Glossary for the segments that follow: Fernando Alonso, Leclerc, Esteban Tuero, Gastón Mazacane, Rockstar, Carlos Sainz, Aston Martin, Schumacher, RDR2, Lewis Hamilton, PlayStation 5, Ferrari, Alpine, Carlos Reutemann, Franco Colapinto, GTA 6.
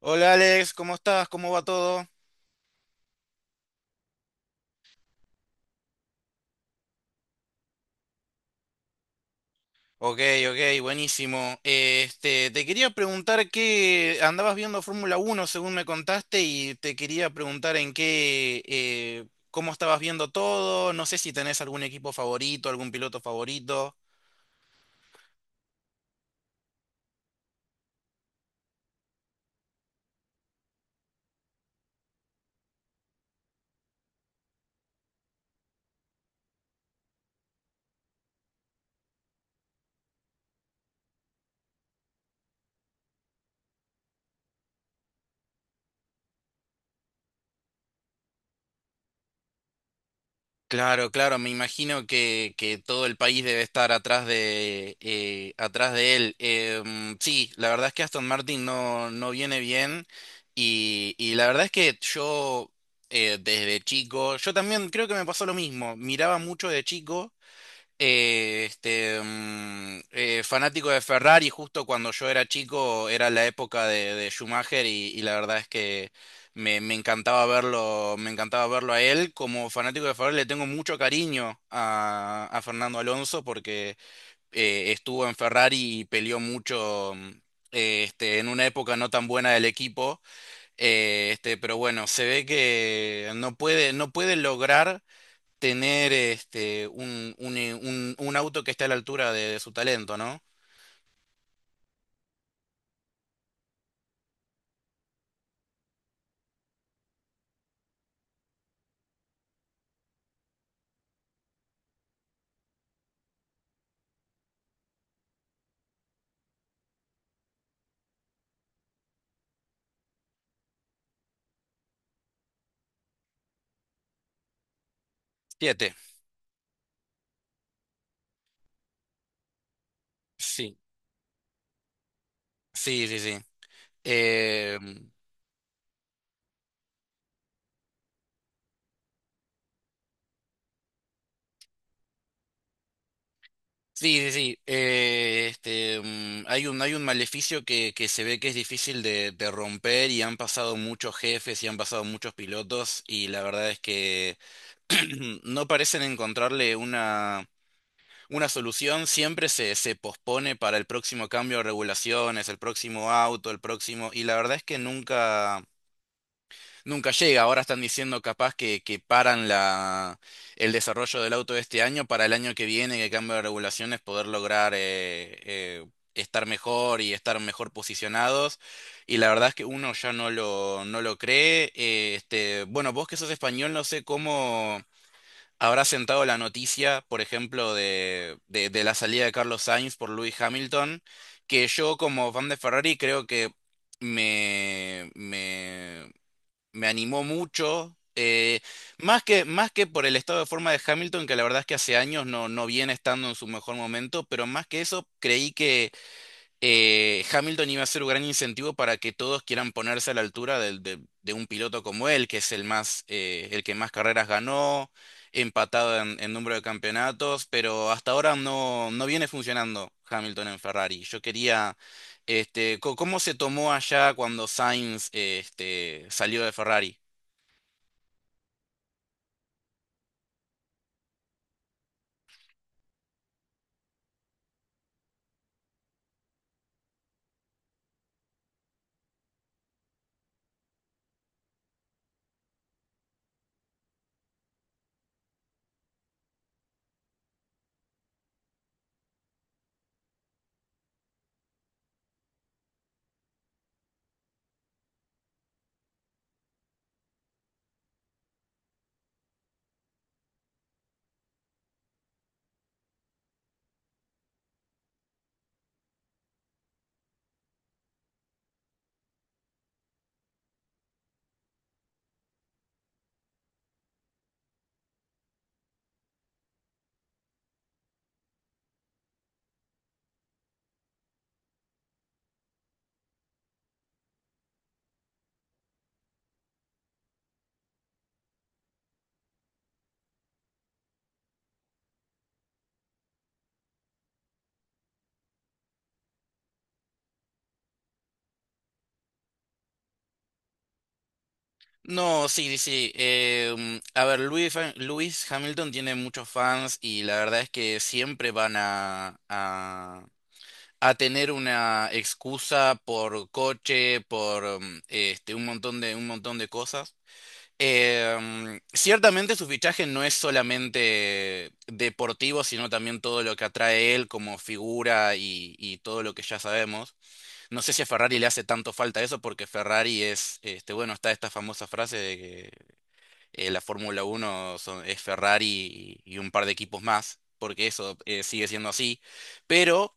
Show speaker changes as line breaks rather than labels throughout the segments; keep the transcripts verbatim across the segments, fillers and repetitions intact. Hola Alex, ¿cómo estás? ¿Cómo va todo? Ok, ok, buenísimo. Eh, Este, te quería preguntar que andabas viendo Fórmula Uno, según me contaste, y te quería preguntar en qué, eh, cómo estabas viendo todo. No sé si tenés algún equipo favorito, algún piloto favorito. Claro, claro, me imagino que, que todo el país debe estar atrás de, eh, atrás de él. Em, sí, la verdad es que Aston Martin no, no viene bien y, y la verdad es que yo eh, desde chico, yo también creo que me pasó lo mismo, miraba mucho de chico eh, este, mm, eh, fanático de Ferrari, justo cuando yo era chico era la época de, de Schumacher, y, y la verdad es que me, me encantaba verlo, me encantaba verlo a él. Como fanático de Ferrari le tengo mucho cariño a, a Fernando Alonso porque eh, estuvo en Ferrari y peleó mucho. Mm, eh, Este, en una época no tan buena del equipo, eh, este, pero bueno, se ve que no puede, no puede lograr tener este, un, un, eh, un- un auto que esté a la altura de, de su talento, ¿no? Siete. Sí, sí, sí, sí. Eh, sí, sí, sí. Eh, este, mm, hay un, hay un maleficio que, que se ve que es difícil de, de romper, y han pasado muchos jefes y han pasado muchos pilotos, y la verdad es que no parecen encontrarle una, una solución. Siempre se, se pospone para el próximo cambio de regulaciones, el próximo auto, el próximo. Y la verdad es que nunca. Nunca llega. Ahora están diciendo capaz que, que paran la, el desarrollo del auto de este año para el año que viene, que cambio de regulaciones, poder lograr eh, eh, estar mejor y estar mejor posicionados. Y la verdad es que uno ya no lo, no lo cree. Eh, este, bueno, vos que sos español, no sé cómo habrá sentado la noticia, por ejemplo, de, de, de la salida de Carlos Sainz por Lewis Hamilton, que yo como fan de Ferrari creo que me, me me animó mucho. Eh, más que, más que por el estado de forma de Hamilton, que la verdad es que hace años no, no viene estando en su mejor momento, pero más que eso, creí que eh, Hamilton iba a ser un gran incentivo para que todos quieran ponerse a la altura del- de, de un piloto como él, que es el más, eh, el que más carreras ganó, empatado en, en número de campeonatos, pero hasta ahora no, no viene funcionando Hamilton en Ferrari. Yo quería. Este, co- ¿cómo se tomó allá cuando Sainz, este, salió de Ferrari? No, sí, sí. Eh, mm, a ver, Louis, Fa- Lewis Hamilton tiene muchos fans y la verdad es que siempre van a, a, a tener una excusa por coche, por mm, este, un montón de, un montón de cosas. Eh, mm, ciertamente su fichaje no es solamente deportivo, sino también todo lo que atrae él como figura y, y todo lo que ya sabemos. No sé si a Ferrari le hace tanto falta eso porque Ferrari es, este, bueno, está esta famosa frase de que eh, la Fórmula Uno son- es Ferrari y, y un par de equipos más, porque eso eh, sigue siendo así. Pero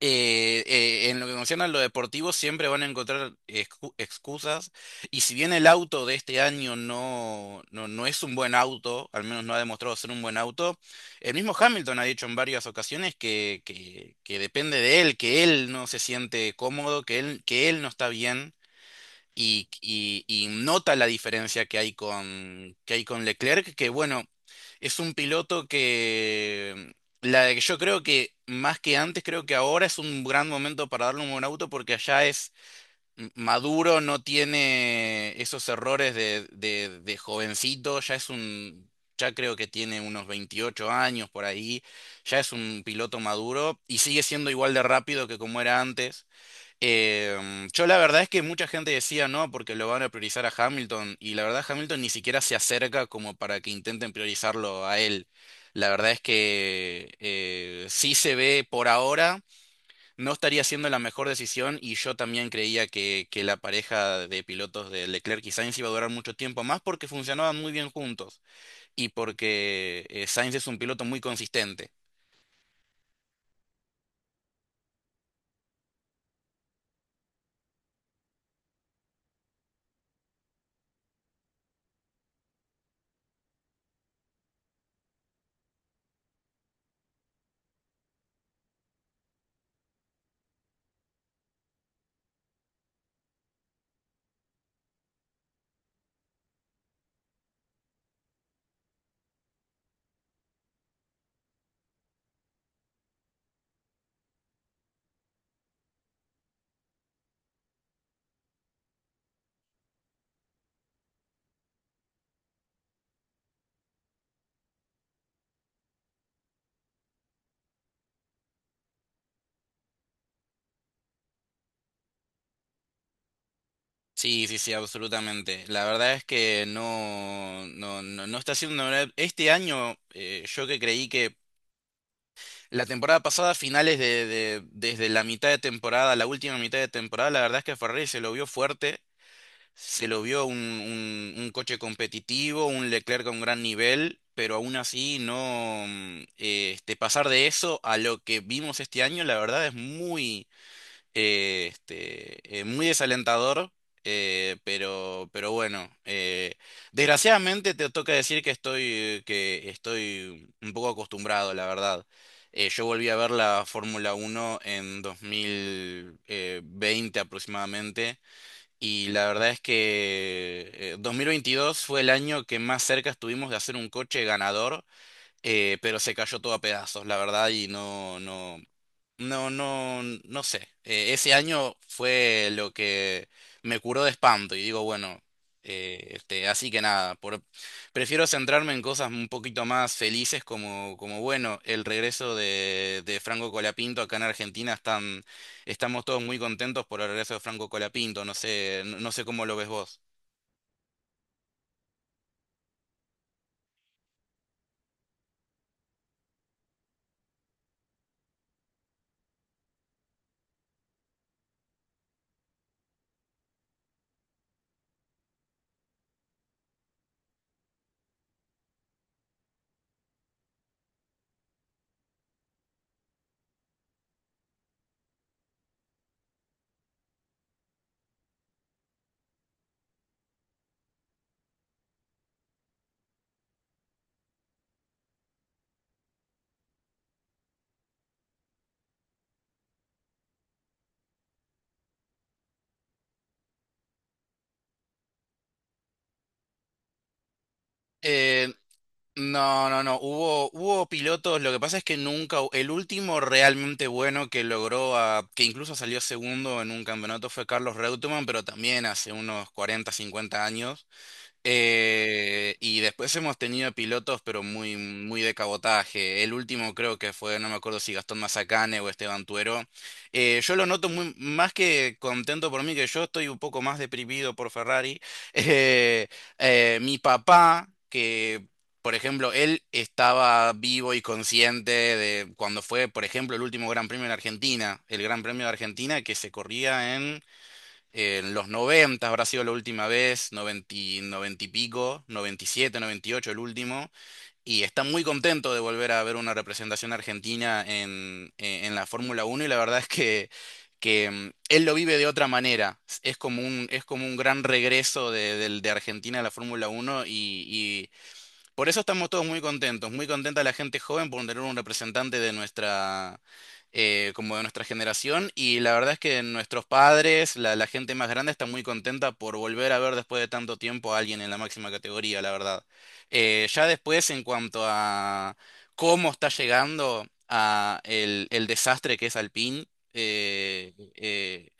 eh, eh, en lo que concierne a lo deportivo siempre van a encontrar excu- excusas. Y si bien el auto de este año no, no, no es un buen auto, al menos no ha demostrado ser un buen auto, el mismo Hamilton ha dicho en varias ocasiones que, que, que depende de él, que él no se siente cómodo, que él, que él no está bien y, y- y nota la diferencia que hay con, que hay con Leclerc, que bueno, es un piloto que la de que yo creo que más que antes, creo que ahora es un gran momento para darle un buen auto porque allá es m- maduro, no tiene esos errores de, de, de jovencito, ya es un, ya creo que tiene unos veintiocho años por ahí, ya es un piloto maduro y sigue siendo igual de rápido que como era antes. Em, yo la verdad es que mucha gente decía no, porque lo van a priorizar a Hamilton, y la verdad Hamilton ni siquiera se acerca como para que intenten priorizarlo a él. La verdad es que eh, sí se ve por ahora, no estaría siendo la mejor decisión, y yo también creía que, que la pareja de pilotos de Leclerc y Sainz iba a durar mucho tiempo más porque funcionaban muy bien juntos, y porque eh, Sainz es un piloto muy consistente. Sí, sí, sí, absolutamente. La verdad es que no, no, no, no está siendo una verdad. Este año, eh, yo que creí que la temporada pasada, finales de, de- desde la mitad de temporada, la última mitad de temporada, la verdad es que Ferrari se lo vio fuerte, se lo vio un, un- un coche competitivo, un Leclerc con gran nivel, pero aún así no, mm, eh, este, pasar de eso a lo que vimos este año, la verdad es muy eh, este, eh, muy desalentador, eh, pero, pero bueno, eh, desgraciadamente te toca decir que estoy, eh, que estoy un poco acostumbrado, la verdad. Eh, yo volví a ver la Fórmula Uno en dos mil veinte aproximadamente y la verdad es que eh, dos mil veintidós fue el año que más cerca estuvimos de hacer un coche ganador, eh, pero se cayó todo a pedazos, la verdad, y no, no, no, no, no sé. Eh, ese año fue lo que me curó de espanto y digo, bueno, eh, este, así que nada, por, prefiero centrarme en cosas un poquito más felices como, como bueno, el regreso de, de Franco Colapinto acá en Argentina, están, estamos todos muy contentos por el regreso de Franco Colapinto, no sé, no, no sé cómo lo ves vos. Eh, No, no, no. Hubo, hubo pilotos. Lo que pasa es que nunca, hu- el último realmente bueno que logró, a- que incluso salió segundo en un campeonato fue Carlos Reutemann, pero también hace unos cuarenta, cincuenta años. Eh, y después hemos tenido pilotos, pero muy, muy de cabotaje. El último creo que fue, no me acuerdo si Gastón Mazacane o Esteban Tuero. Eh, yo lo noto muy, más que contento por mí, que yo estoy un poco más deprimido por Ferrari. Eh, eh, Mi papá, que por ejemplo, él estaba vivo y consciente de cuando fue, por ejemplo, el último Gran Premio en Argentina, el Gran Premio de Argentina que se corría en los noventa habrá sido la última vez, noventa y- noventa y pico, noventa y siete, noventa y ocho el último, y está muy contento de volver a ver una representación argentina en, en- en la Fórmula uno, y la verdad es que, que mm, él lo vive de otra manera, es como un, es como un gran regreso de, del- de Argentina a la Fórmula uno y, por eso estamos todos muy contentos, muy contenta la gente joven por tener un representante de nuestra, eh, como de nuestra generación. Y la verdad es que nuestros padres, la, la gente más grande, está muy contenta por volver a ver después de tanto tiempo a alguien en la máxima categoría, la verdad. Eh, ya después, en cuanto a cómo está llegando a el, el desastre que es Alpine, eh, eh,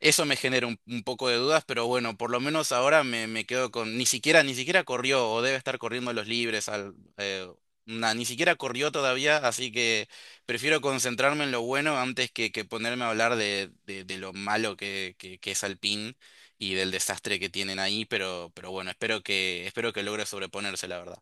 eso me genera un, un poco de dudas, pero bueno, por lo menos ahora me, me quedo con, ni siquiera, ni siquiera corrió o debe estar corriendo los libres al, eh, na, ni siquiera corrió todavía, así que prefiero concentrarme en lo bueno antes que, que ponerme a hablar de, de- de lo malo que, que, que es Alpine y del desastre que tienen ahí, pero, pero bueno, espero que, espero que logre sobreponerse, la verdad.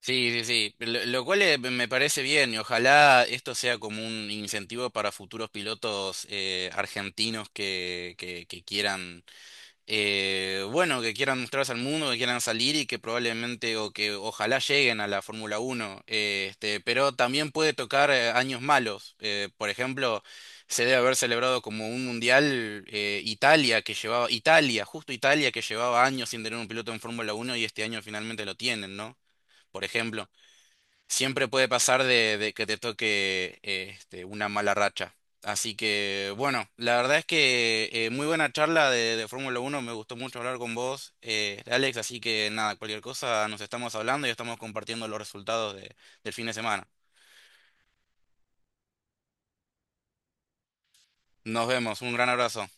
Sí, sí, sí, lo, lo cual eh, me parece bien, y ojalá esto sea como un incentivo para futuros pilotos eh, argentinos que, que, que quieran, eh, bueno, que quieran mostrarse al mundo, que quieran salir y que probablemente o que ojalá lleguen a la Fórmula Uno. Eh, este, pero también puede tocar eh, años malos. Eh, por ejemplo, se debe haber celebrado como un mundial eh, Italia que llevaba, Italia, justo Italia que llevaba años sin tener un piloto en Fórmula Uno y este año finalmente lo tienen, ¿no? Por ejemplo. Siempre puede pasar de, de que te toque eh, este, una mala racha. Así que, bueno, la verdad es que eh, muy buena charla de, de Fórmula uno, me gustó mucho hablar con vos, eh, Alex, así que nada, cualquier cosa nos estamos hablando y estamos compartiendo los resultados de- del fin de semana. Nos vemos, un gran abrazo.